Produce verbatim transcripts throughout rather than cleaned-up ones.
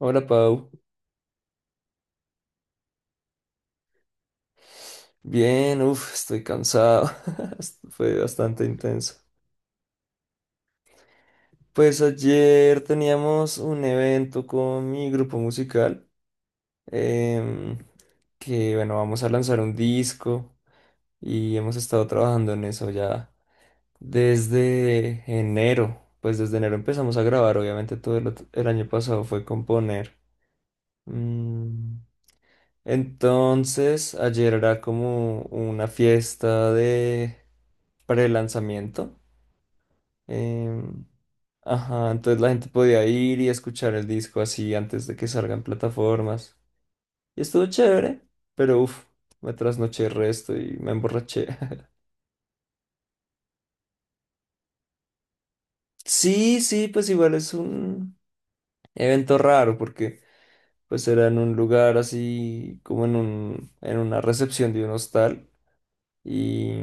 Hola Pau, bien, uff, estoy cansado. Fue bastante intenso. Pues ayer teníamos un evento con mi grupo musical, em, que bueno, vamos a lanzar un disco y hemos estado trabajando en eso ya desde enero, pues desde enero empezamos a grabar, obviamente todo el, ot- el año pasado fue componer. Mm, Entonces, ayer era como una fiesta de pre-lanzamiento. em, ajá, entonces la gente podía ir y escuchar el disco así antes de que salgan plataformas. Y estuvo chévere, pero uff, me trasnoché el resto y me emborraché. Sí, sí, pues igual es un evento raro porque pues era en un lugar así como en un, en una recepción de un hostal y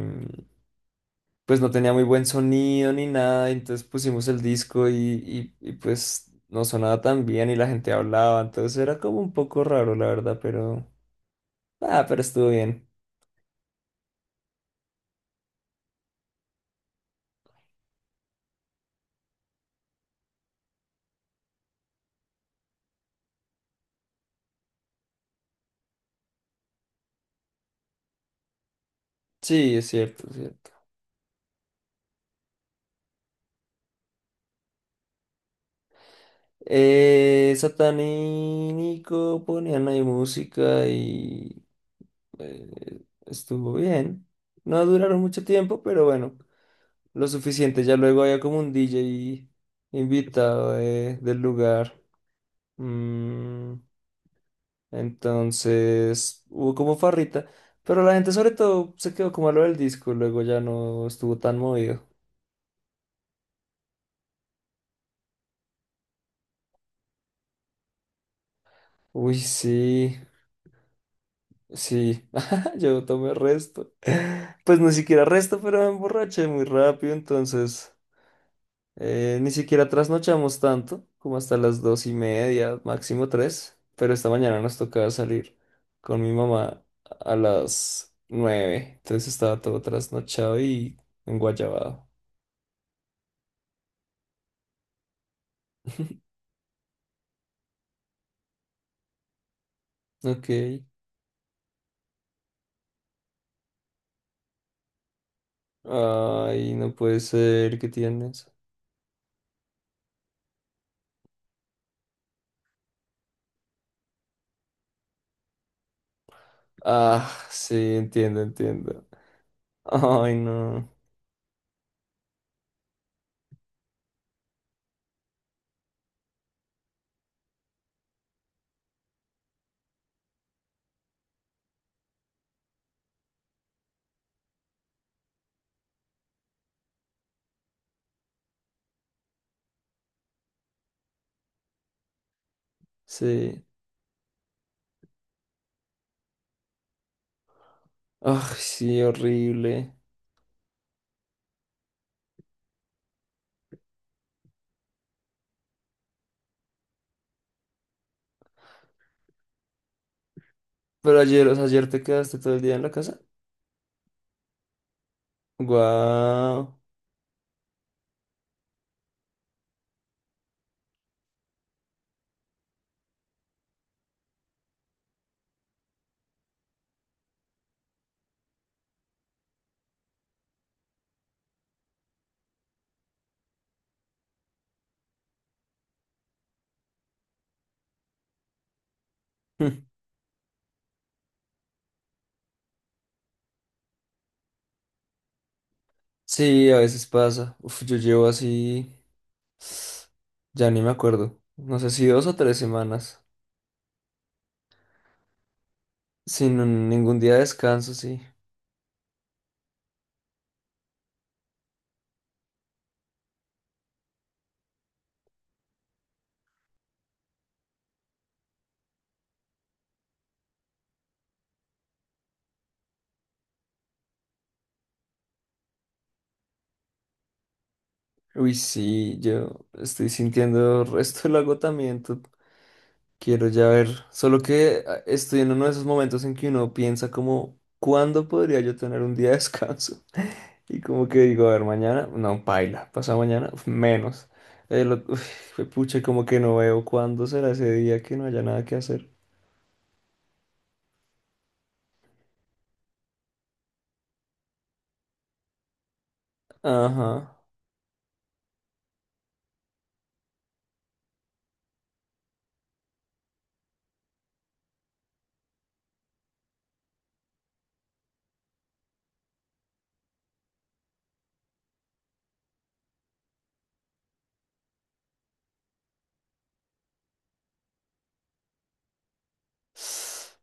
pues no tenía muy buen sonido ni nada, entonces pusimos el disco y, y, y, pues no sonaba tan bien y la gente hablaba, entonces era como un poco raro la verdad, pero ah, pero estuvo bien. Sí, es cierto, es cierto. Eh, Satán y Nico ponían ahí música y eh, estuvo bien. No duraron mucho tiempo, pero bueno, lo suficiente. Ya luego había como un D J invitado de- del lugar. Mm, entonces hubo como farrita, pero la gente sobre todo se quedó como a lo del disco, luego ya no estuvo tan movido. Uy, sí, sí, yo tomé resto. Pues ni siquiera resto, pero me emborraché muy rápido, entonces... Eh, ni siquiera trasnochamos tanto, como hasta las dos y media, máximo tres, pero esta mañana nos tocaba salir con mi mamá a las nueve, entonces estaba todo trasnochado y enguayabado. Ok. Ay, no puede ser, ¿qué tienes? Ah, sí, entiendo, entiendo. Ay, no. Sí. Ay, sí, horrible. Pero ayer, o sea, ayer te quedaste todo el día en la casa. Guau. Sí, a veces pasa. Uf, yo llevo así, ya ni me acuerdo. No sé si dos o tres semanas. Sin un- ningún día de descanso, sí. Uy, sí, yo estoy sintiendo el resto del agotamiento. Quiero ya ver. Solo que ah, estoy en uno de esos momentos en que uno piensa como, ¿cuándo podría yo tener un día de descanso? Y como que digo, a ver, mañana, no, paila, pasado mañana, uf, menos. El, ot- uf, pucha, como que no veo cuándo será ese día que no haya nada que hacer. Ajá.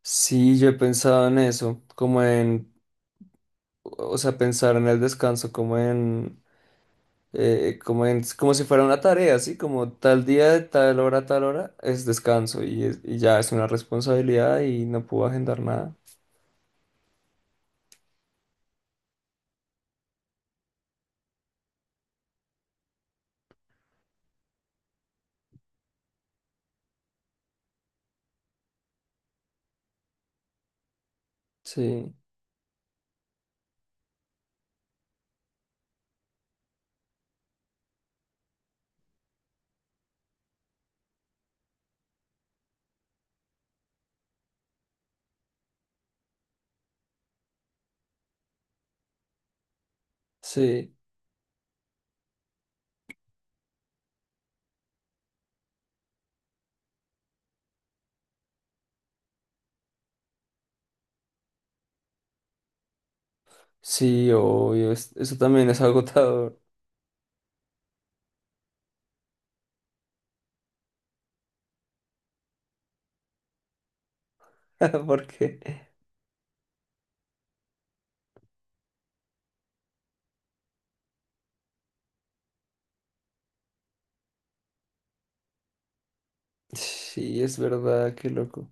Sí, yo he pensado en eso, como en, o sea, pensar en el descanso, como en, eh, como en, como si fuera una tarea, ¿sí? Como tal día, de tal hora, tal hora, es descanso y, es- y ya es una responsabilidad y no puedo agendar nada. Sí, sí, sí, obvio, es- eso también es agotador, porque sí, es verdad, qué loco.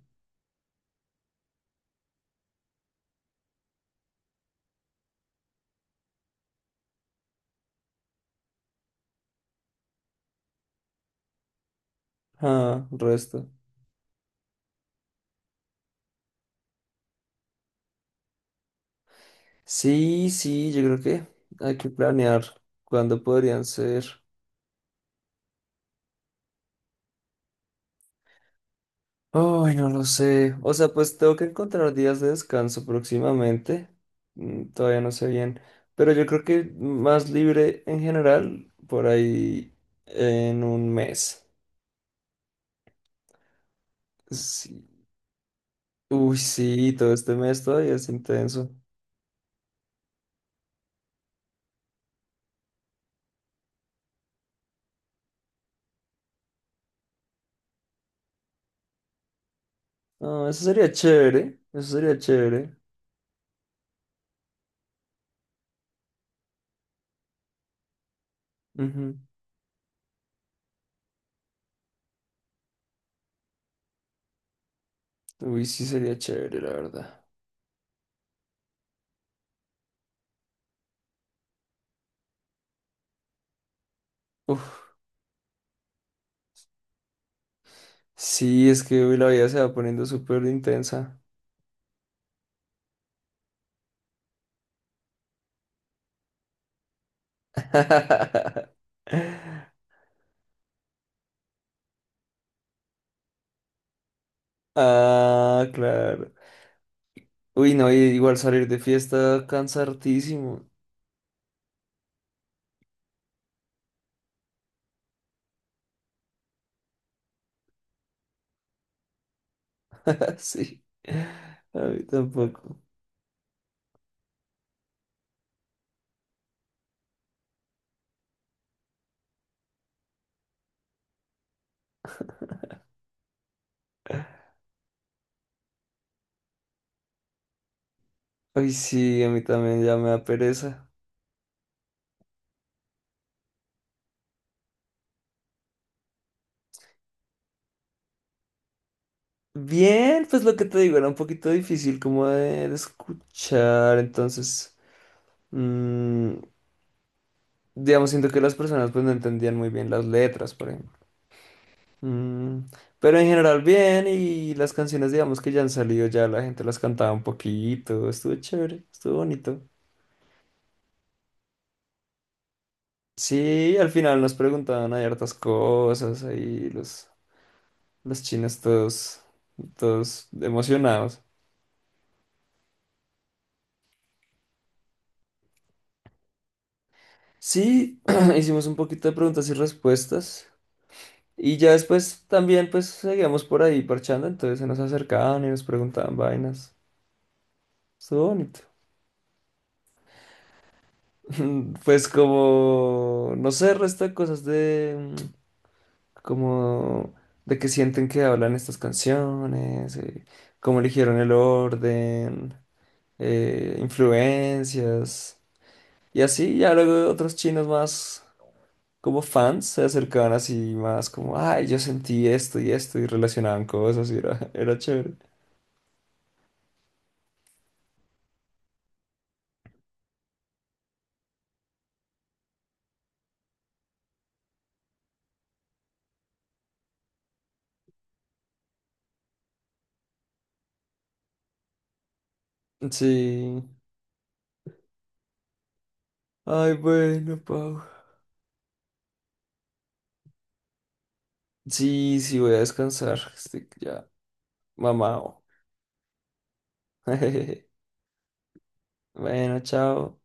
Ah, resto. Sí, sí, yo creo que hay que planear cuándo podrían ser. Ay, no lo sé. O sea, pues tengo que encontrar días de descanso próximamente. Mm, Todavía no sé bien. Pero yo creo que más libre en general, por ahí en un mes. Sí. Uy, sí, todo este mes todavía es intenso. No, eso sería chévere. Eso sería chévere. Ujú. Uy, sí, sería chévere, la verdad. Uf. Sí, es que hoy la vida se va poniendo súper intensa. Ah, claro. Uy, no, y igual salir de fiesta cansa hartísimo. Sí, a mí tampoco. Uy, sí, a mí también ya me da pereza. Bien, pues lo que te digo era un poquito difícil como de, de escuchar, entonces, mm, digamos, siento que las personas pues no entendían muy bien las letras, por ejemplo. Mm, pero en general bien y las canciones, digamos, que ya han salido, ya la gente las cantaba un poquito, estuvo chévere, estuvo bonito. Sí, al final nos preguntaban hay hartas cosas, ahí los, los chinos todos, todos emocionados. Sí, hicimos un poquito de preguntas y respuestas y ya después también pues seguíamos por ahí parchando, entonces se nos acercaban y nos preguntaban vainas. Estuvo bonito. Pues como, no sé, resto de cosas de mm, como de que sienten que hablan estas canciones, eh, cómo eligieron el orden. Eh, influencias. Y así ya luego otros chinos más como fans se acercaban así más como, ay, yo sentí esto y esto y relacionaban cosas y era, era chévere. Sí. Ay, bueno, Pau. Sí, sí, voy a descansar. Estoy ya mamado. Bueno, chao.